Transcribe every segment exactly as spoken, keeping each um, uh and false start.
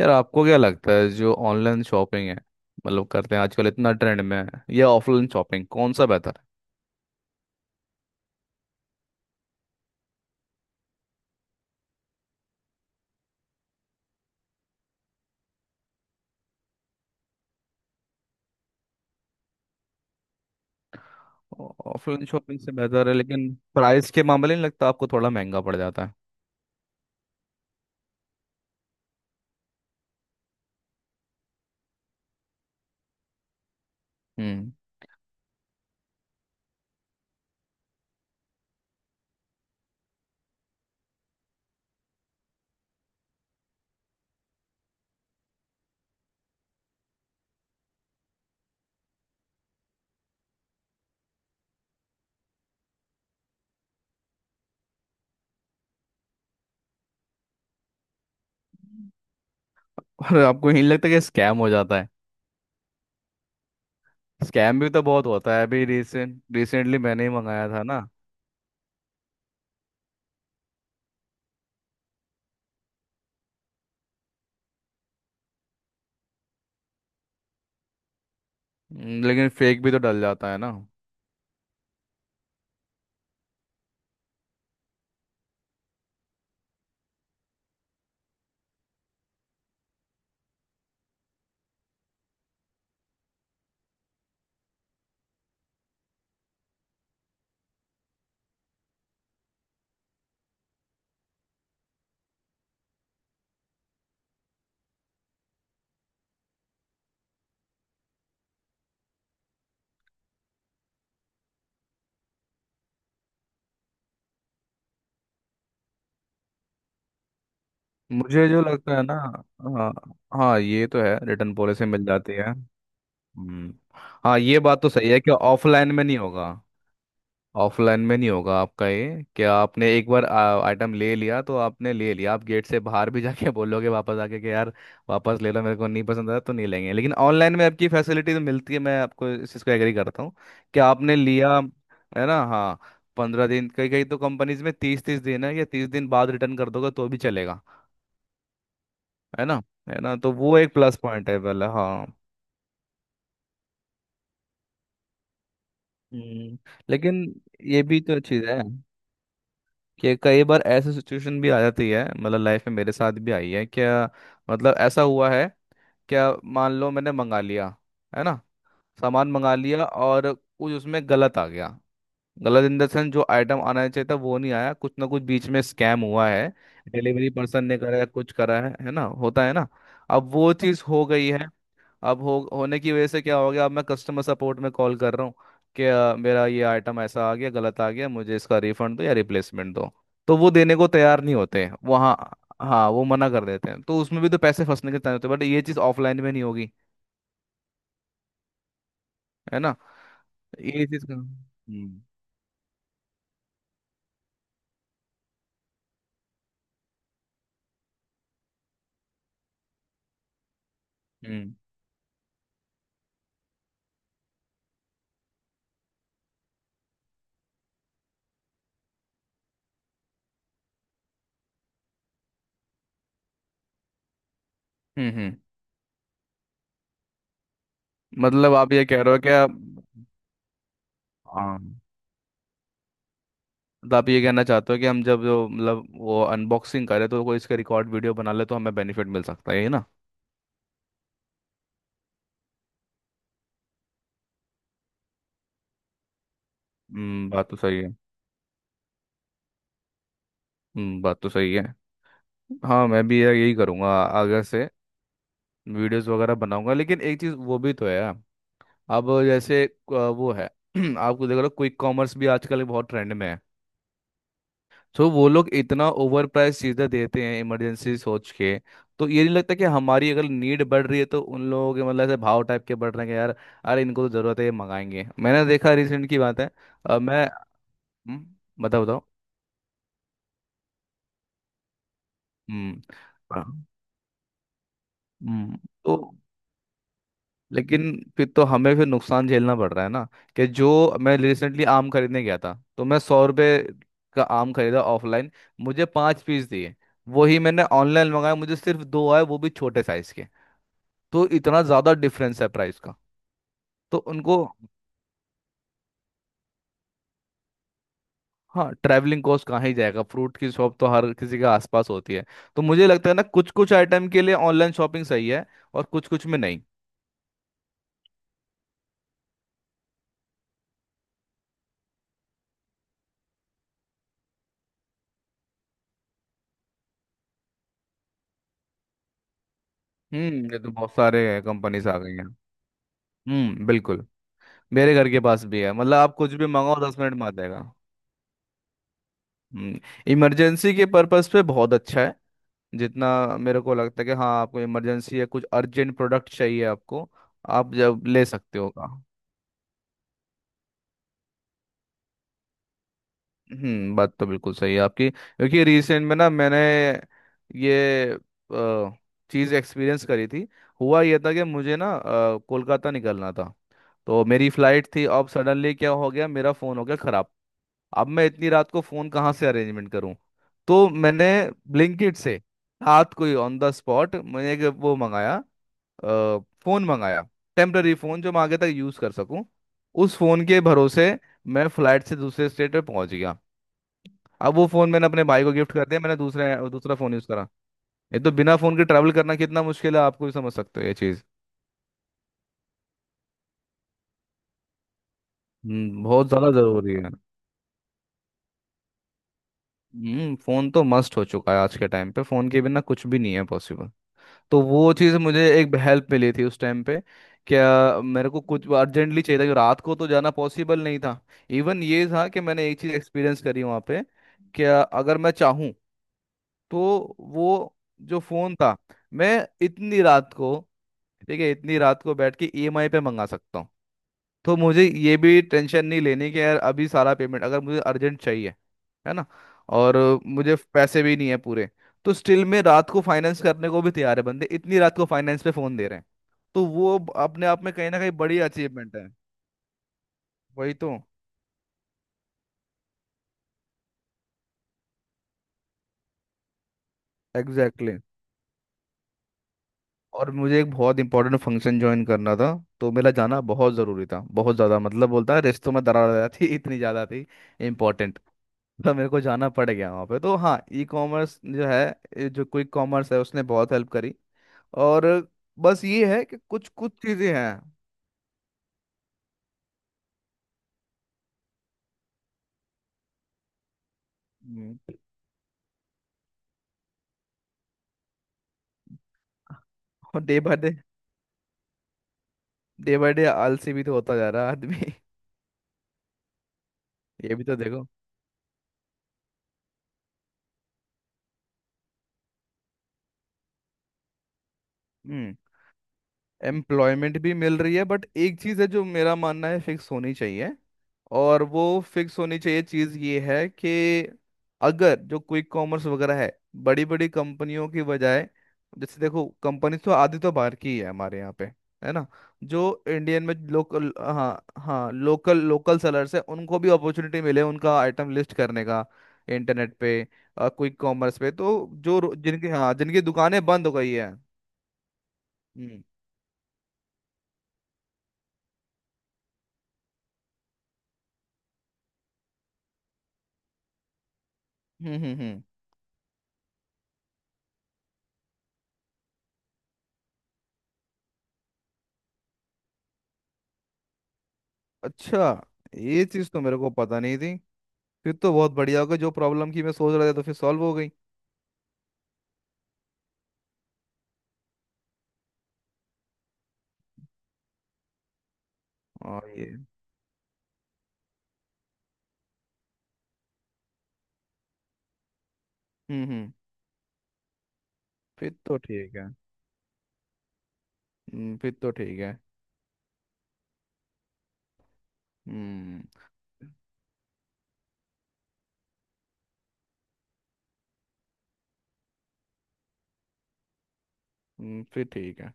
यार, आपको क्या लगता है जो ऑनलाइन शॉपिंग है, मतलब करते हैं आजकल, इतना ट्रेंड में है या ऑफलाइन शॉपिंग कौन सा बेहतर है? ऑफलाइन शॉपिंग से बेहतर है, लेकिन प्राइस के मामले नहीं लगता आपको थोड़ा महंगा पड़ जाता है? हम्म और आपको यही लगता है कि स्कैम हो जाता है? स्कैम भी तो बहुत होता है, अभी रिसेंट रिसेंटली मैंने ही मंगाया था ना। हम्म, लेकिन फेक भी तो डल जाता है ना। मुझे जो लगता है ना। हाँ, हाँ, ये तो है, रिटर्न पॉलिसी मिल जाती है। हम्म। हाँ, ये बात तो सही है कि ऑफलाइन में नहीं होगा। ऑफलाइन में नहीं होगा आपका ये, कि आपने एक बार आइटम ले लिया तो आपने ले लिया, आप गेट से बाहर भी जाके बोलोगे वापस आके कि यार वापस ले लो, मेरे को नहीं पसंद आया तो नहीं लेंगे। लेकिन ऑनलाइन में आपकी फैसिलिटी तो मिलती है, मैं आपको इस चीज़ को एग्री करता हूँ कि आपने लिया है ना। हाँ। पंद्रह दिन, कई कई तो कंपनीज में तीस तीस दिन है, या तीस दिन बाद रिटर्न कर दोगे तो भी चलेगा। है ना? है ना, तो वो एक प्लस पॉइंट है पहले। हाँ। हम्म, लेकिन ये भी तो चीज़ है कि कई बार ऐसी सिचुएशन भी आ जाती है, मतलब लाइफ में मेरे साथ भी आई है। क्या, मतलब ऐसा हुआ है क्या, मान लो मैंने मंगा लिया, है ना, सामान मंगा लिया और कुछ उसमें गलत आ गया। गलत इन द सेंस जो आइटम आना चाहिए था वो नहीं आया, कुछ ना कुछ बीच में स्कैम हुआ है, डिलीवरी पर्सन ने करा है, कुछ करा है है ना, होता है ना। अब वो चीज़ हो गई है, अब हो होने की वजह से क्या हो गया, अब मैं कस्टमर सपोर्ट में कॉल कर रहा हूँ कि अ, मेरा ये आइटम ऐसा आ गया, गलत आ गया, मुझे इसका रिफंड दो या रिप्लेसमेंट दो। तो वो देने को तैयार नहीं होते हैं वो। हाँ। हाँ, वो मना कर देते हैं, तो उसमें भी तो पैसे फंसने के चांस होते हैं, बट ये चीज़ ऑफलाइन में नहीं होगी। है ना? ये चीज़ का- हम्म। हम्म। हम्म। हम्म। मतलब आप ये कह रहे हो कि आप। हाँ, तो आप ये कहना चाहते हो कि हम जब जो, मतलब वो अनबॉक्सिंग करें तो कोई इसका रिकॉर्ड वीडियो बना ले तो हमें बेनिफिट मिल सकता है, ये ना? हम्म, बात तो सही है। हम्म, बात तो सही है। हाँ, मैं भी यार यही करूँगा आगे से, वीडियोस वगैरह बनाऊंगा। लेकिन एक चीज़ वो भी तो है यार, अब जैसे अ, वो है। आपको देख लो, क्विक कॉमर्स भी आजकल बहुत ट्रेंड में है, तो वो लोग इतना ओवर प्राइस चीज़ें देते हैं इमरजेंसी सोच के। तो ये नहीं लगता कि हमारी अगर नीड बढ़ रही है तो उन लोगों के, मतलब ऐसे भाव टाइप के बढ़ रहे हैं कि यार, अरे इनको तो ज़रूरत है ये मंगाएंगे। मैंने देखा, रिसेंट की बात है। अ, मैं। हम्म, बताओ बताओ। हम्म। हाँ। हम्म, तो लेकिन फिर तो हमें फिर नुकसान झेलना पड़ रहा है ना? कि जो, मैं रिसेंटली आम खरीदने गया था, तो मैं सौ रुपये का आम खरीदा ऑफलाइन, मुझे पाँच पीस दिए। वही मैंने ऑनलाइन मंगाया, मुझे सिर्फ दो आए, वो भी छोटे साइज के। तो इतना ज़्यादा डिफरेंस है प्राइस का, तो उनको। हाँ, ट्रैवलिंग कॉस्ट कहाँ ही जाएगा, फ्रूट की शॉप तो हर किसी के आसपास होती है। तो मुझे लगता है ना, कुछ कुछ आइटम के लिए ऑनलाइन शॉपिंग सही है और कुछ कुछ में नहीं। हम्म, ये तो बहुत सारे कंपनीज आ गई हैं। हम्म, बिल्कुल। मेरे घर के पास भी है, मतलब आप कुछ भी मंगाओ दस मिनट में आ जाएगा। हम्म, इमरजेंसी के पर्पस पे बहुत अच्छा है। जितना मेरे को लगता है कि हाँ, आपको इमरजेंसी या कुछ अर्जेंट प्रोडक्ट चाहिए आपको, आप जब ले सकते हो का। हम्म, बात तो बिल्कुल सही है आपकी, क्योंकि रिसेंट में ना मैंने ये चीज़ एक्सपीरियंस करी थी। हुआ ये था कि मुझे ना, अ, कोलकाता निकलना था, तो मेरी फ्लाइट थी। अब सडनली क्या हो गया, मेरा फ़ोन हो गया ख़राब। अब मैं इतनी रात को फोन कहाँ से अरेंजमेंट करूँ? तो मैंने ब्लिंकिट से रात को ही ऑन द स्पॉट मैंने एक वो मंगाया, अ, फोन मंगाया, टेम्पररी फोन जो मैं आगे तक यूज कर सकूँ। उस फोन के भरोसे मैं फ्लाइट से दूसरे स्टेट पे पहुंच गया। अब वो फोन मैंने अपने भाई को गिफ्ट कर दिया, मैंने दूसरे दूसरा फोन यूज करा। ये तो बिना फोन के ट्रैवल करना कितना मुश्किल है, आपको भी समझ सकते हो ये चीज। हम्म, बहुत ज्यादा जरूरी है। हम्म, फोन तो मस्ट हो चुका है, आज के टाइम पे फोन के बिना कुछ भी नहीं है पॉसिबल। तो वो चीज़ मुझे एक हेल्प मिली थी उस टाइम पे। क्या, मेरे को कुछ अर्जेंटली चाहिए था, क्योंकि रात को तो जाना पॉसिबल नहीं था। इवन ये था कि मैंने एक चीज़ एक्सपीरियंस करी वहाँ पे। क्या, अगर मैं चाहूँ तो वो जो फ़ोन था, मैं इतनी रात को, ठीक है इतनी रात को बैठ के ई एम आई पे मंगा सकता हूँ। तो मुझे ये भी टेंशन नहीं लेनी कि यार अभी सारा पेमेंट, अगर मुझे अर्जेंट चाहिए, है ना, और मुझे पैसे भी नहीं है पूरे। तो स्टिल में रात को फाइनेंस करने को भी तैयार है बंदे, इतनी रात को फाइनेंस पे फोन दे रहे हैं। तो वो ब- अपने आप में कहीं ना कहीं बड़ी अचीवमेंट है। वही तो। Exactly exactly. और मुझे एक बहुत इंपॉर्टेंट फंक्शन ज्वाइन करना था, तो मेरा जाना बहुत ज़रूरी था, बहुत ज़्यादा, मतलब बोलता है रिश्तों में दरार आ जाती इतनी ज़्यादा थी इंपॉर्टेंट। तो मेरे को जाना पड़ गया वहाँ पे, तो हाँ, ई कॉमर्स जो है, ये जो क्विक कॉमर्स है उसने बहुत हेल्प करी। और बस ये है कि कुछ कुछ चीज़ें हैं। हम्म, और day by day, day by day आलसी भी तो होता जा रहा है आदमी। ये भी तो देखो। एम्प्लॉयमेंट भी मिल रही है, बट एक चीज़ है जो मेरा मानना है, फिक्स होनी चाहिए। और वो फिक्स होनी चाहिए चीज़ ये है कि अगर जो क्विक कॉमर्स वगैरह है बड़ी बड़ी कंपनियों की बजाय, जैसे देखो कंपनी तो आधी तो बाहर की ही है हमारे यहाँ पे, है ना, जो इंडियन में लोकल, हाँ हाँ, लोकल लोकल सेलर्स है, उनको भी अपॉर्चुनिटी मिले उनका आइटम लिस्ट करने का इंटरनेट पे, क्विक कॉमर्स पे। तो जो रो- जिनकी, हाँ, जिनकी दुकानें बंद हो गई है। हम्म। हम्म। हम्म। हम्म। अच्छा, ये चीज तो मेरे को पता नहीं थी। फिर तो बहुत बढ़िया हो गया, जो प्रॉब्लम की मैं सोच रहा था तो फिर सॉल्व हो गई। और ये। हम्म। हम्म, फिर तो ठीक है। हम्म, फिर तो ठीक है। हम्म। हम्म, फिर ठीक है।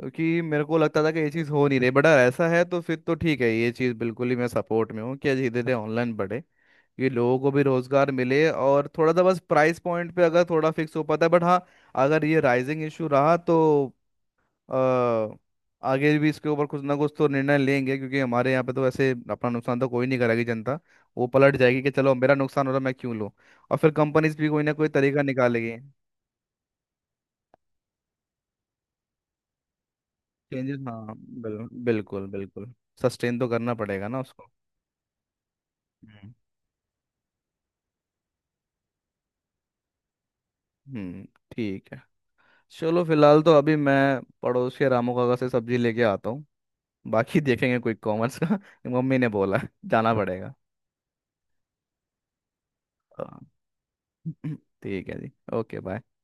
क्योंकि मेरे को लगता था कि ये चीज़ हो नहीं रही, बट अगर ऐसा है तो फिर तो ठीक है। ये चीज़ बिल्कुल ही मैं सपोर्ट में हूँ कि धीरे धीरे ऑनलाइन बढ़े, ये लोगों को भी रोजगार मिले, और थोड़ा सा बस प्राइस पॉइंट पे अगर थोड़ा फिक्स हो पाता है, बट हाँ, अगर ये राइजिंग इशू रहा तो अ, आगे भी इसके ऊपर कुछ ना कुछ तो निर्णय लेंगे, क्योंकि हमारे यहाँ पे तो वैसे अपना नुकसान तो कोई नहीं करेगी जनता। वो पलट जाएगी कि चलो मेरा नुकसान हो रहा, मैं क्यों लूँ? और फिर कंपनीज भी कोई ना कोई तरीका निकालेगी। चेंजेस, हाँ, बिल, बिल्कुल बिल्कुल, सस्टेन तो करना पड़ेगा ना उसको। हम्म। हम्म, ठीक है। चलो फिलहाल तो अभी मैं पड़ोस के रामू काका से सब्जी लेके आता हूँ, बाकी देखेंगे कोई कॉमर्स का। मम्मी ने बोला जाना पड़ेगा। हाँ। ठीक है जी, ओके बाय।